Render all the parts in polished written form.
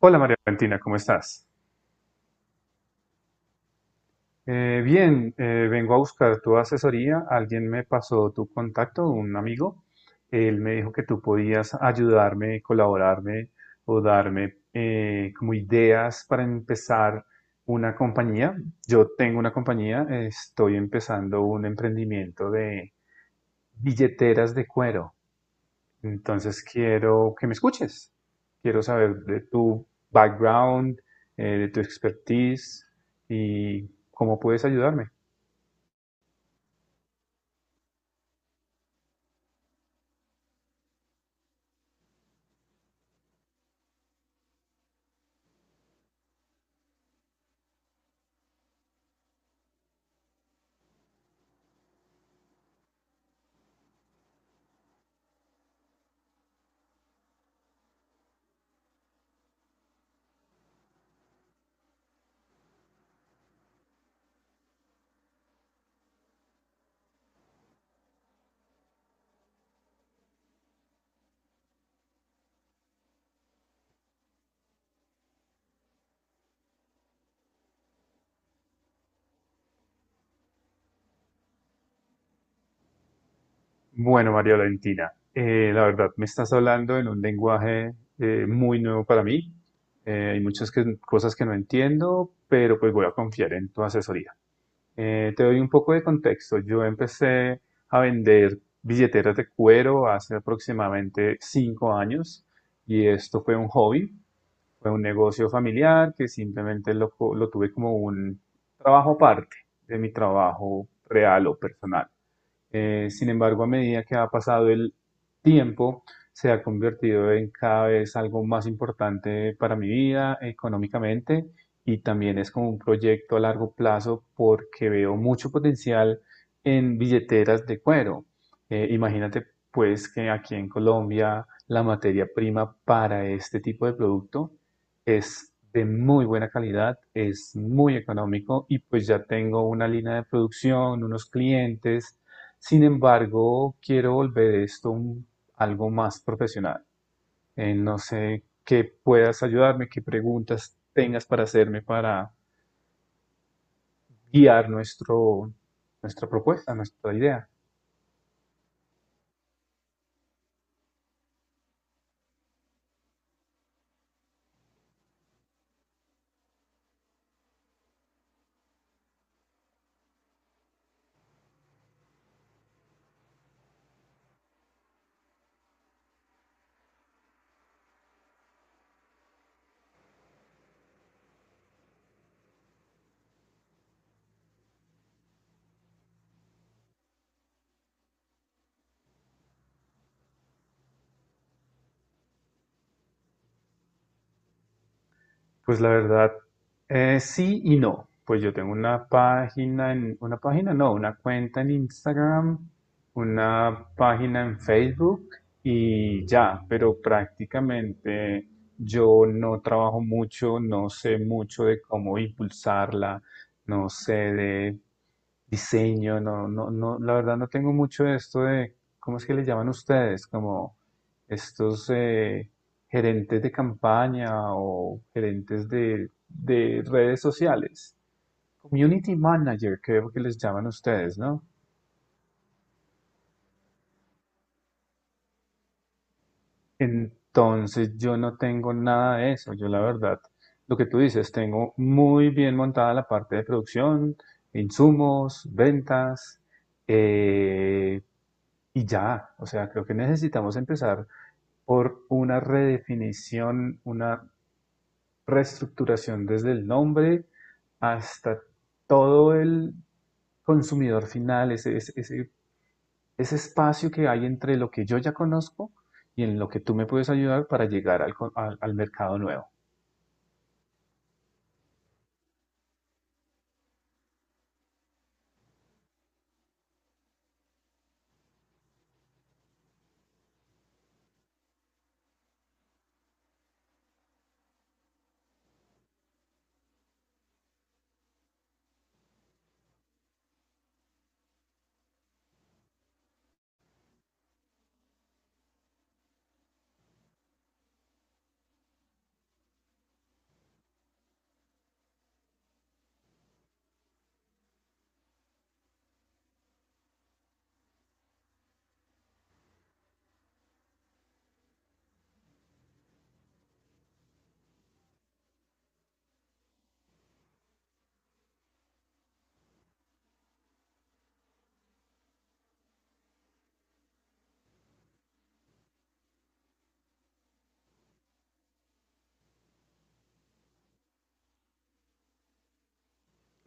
Hola María Valentina, ¿cómo estás? Bien, vengo a buscar tu asesoría. Alguien me pasó tu contacto, un amigo. Él me dijo que tú podías ayudarme, colaborarme o darme como ideas para empezar una compañía. Yo tengo una compañía, estoy empezando un emprendimiento de billeteras de cuero. Entonces quiero que me escuches. Quiero saber de tu background, de tu expertise y cómo puedes ayudarme. Bueno, María Valentina, la verdad me estás hablando en un lenguaje muy nuevo para mí. Hay cosas que no entiendo, pero pues voy a confiar en tu asesoría. Te doy un poco de contexto. Yo empecé a vender billeteras de cuero hace aproximadamente 5 años y esto fue un hobby. Fue un negocio familiar que simplemente lo tuve como un trabajo aparte de mi trabajo real o personal. Sin embargo, a medida que ha pasado el tiempo, se ha convertido en cada vez algo más importante para mi vida económicamente y también es como un proyecto a largo plazo porque veo mucho potencial en billeteras de cuero. Imagínate pues que aquí en Colombia la materia prima para este tipo de producto es de muy buena calidad, es muy económico y pues ya tengo una línea de producción, unos clientes sin embargo, quiero volver algo más profesional. No sé qué puedas ayudarme, qué preguntas tengas para hacerme para guiar nuestra propuesta, nuestra idea. Pues la verdad, sí y no. Pues yo tengo una página, no, una cuenta en Instagram, una página en Facebook y ya, pero prácticamente yo no trabajo mucho, no sé mucho de cómo impulsarla, no sé de diseño, no, la verdad no tengo mucho de esto de, ¿cómo es que le llaman ustedes? Como estos, gerentes de campaña o gerentes de redes sociales. Community manager, creo que les llaman ustedes, ¿no? Entonces yo no tengo nada de eso. Yo la verdad, lo que tú dices, tengo muy bien montada la parte de producción, insumos, ventas, eh, y ya. O sea, creo que necesitamos empezar por una redefinición, una reestructuración desde el nombre hasta todo el consumidor final, espacio que hay entre lo que yo ya conozco y en lo que tú me puedes ayudar para llegar al mercado nuevo.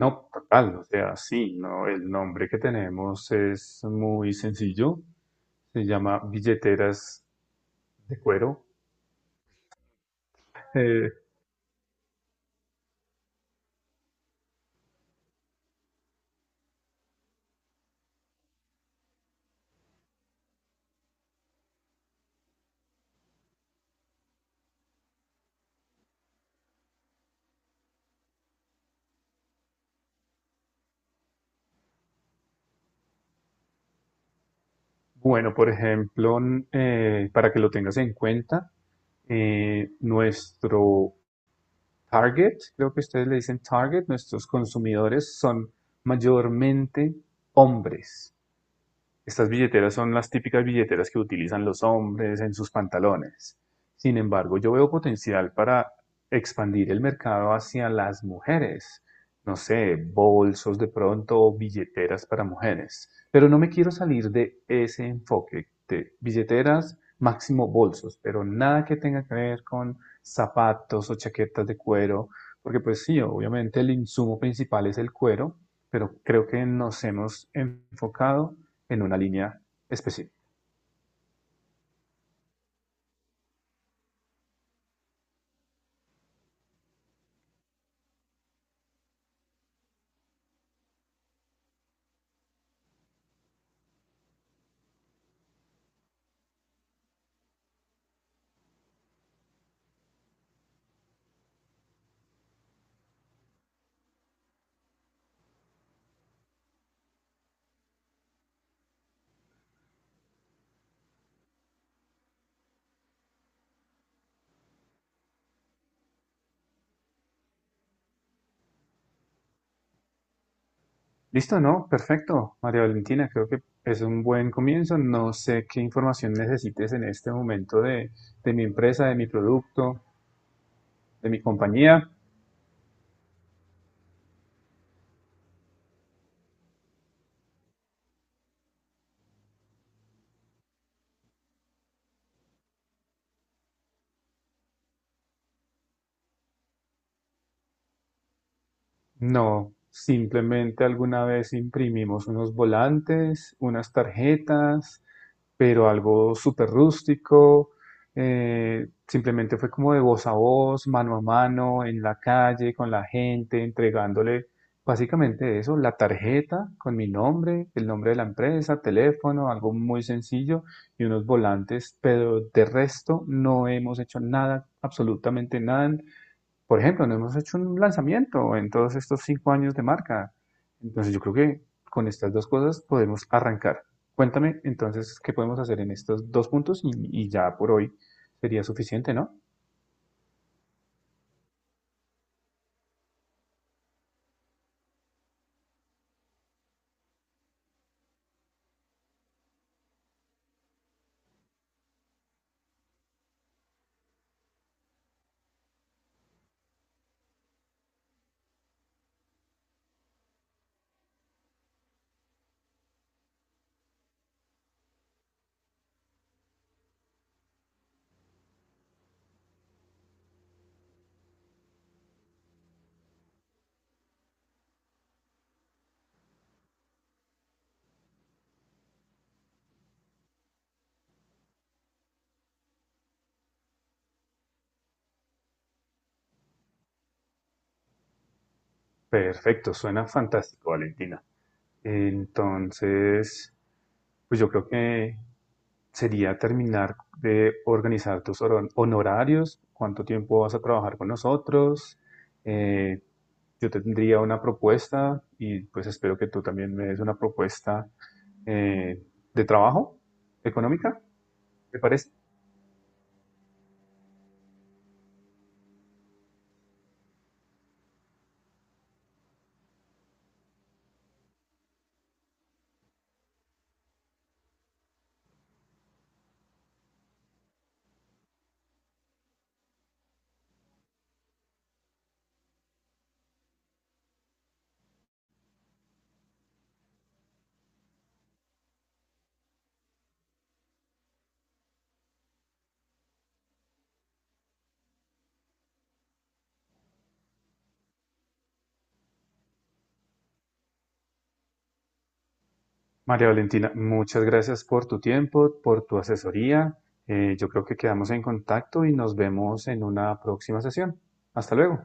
No, total, o sea, sí, no, el nombre que tenemos es muy sencillo, se llama billeteras de cuero. Eh, bueno, por ejemplo, para que lo tengas en cuenta, nuestro Target, creo que ustedes le dicen Target, nuestros consumidores son mayormente hombres. Estas billeteras son las típicas billeteras que utilizan los hombres en sus pantalones. Sin embargo, yo veo potencial para expandir el mercado hacia las mujeres. No sé, bolsos de pronto o billeteras para mujeres. Pero no me quiero salir de ese enfoque de billeteras, máximo bolsos, pero nada que tenga que ver con zapatos o chaquetas de cuero, porque pues sí, obviamente el insumo principal es el cuero, pero creo que nos hemos enfocado en una línea específica. Listo, ¿no? Perfecto, María Valentina, creo que es un buen comienzo. No sé qué información necesites en este momento de mi empresa, de mi producto, de mi compañía. No, simplemente alguna vez imprimimos unos volantes, unas tarjetas, pero algo súper rústico. Eh, simplemente fue como de voz a voz, mano a mano, en la calle, con la gente, entregándole básicamente eso, la tarjeta con mi nombre, el nombre de la empresa, teléfono, algo muy sencillo y unos volantes, pero de resto no hemos hecho nada, absolutamente nada. Por ejemplo, no hemos hecho un lanzamiento en todos estos 5 años de marca. Entonces yo creo que con estas dos cosas podemos arrancar. Cuéntame entonces qué podemos hacer en estos dos puntos y ya por hoy sería suficiente, ¿no? Perfecto, suena fantástico, Valentina. Entonces, pues yo creo que sería terminar de organizar tus honorarios, cuánto tiempo vas a trabajar con nosotros, eh, yo tendría una propuesta y pues espero que tú también me des una propuesta eh, de trabajo económica, ¿te parece? María Valentina, muchas gracias por tu tiempo, por tu asesoría. Yo creo que quedamos en contacto y nos vemos en una próxima sesión. Hasta luego.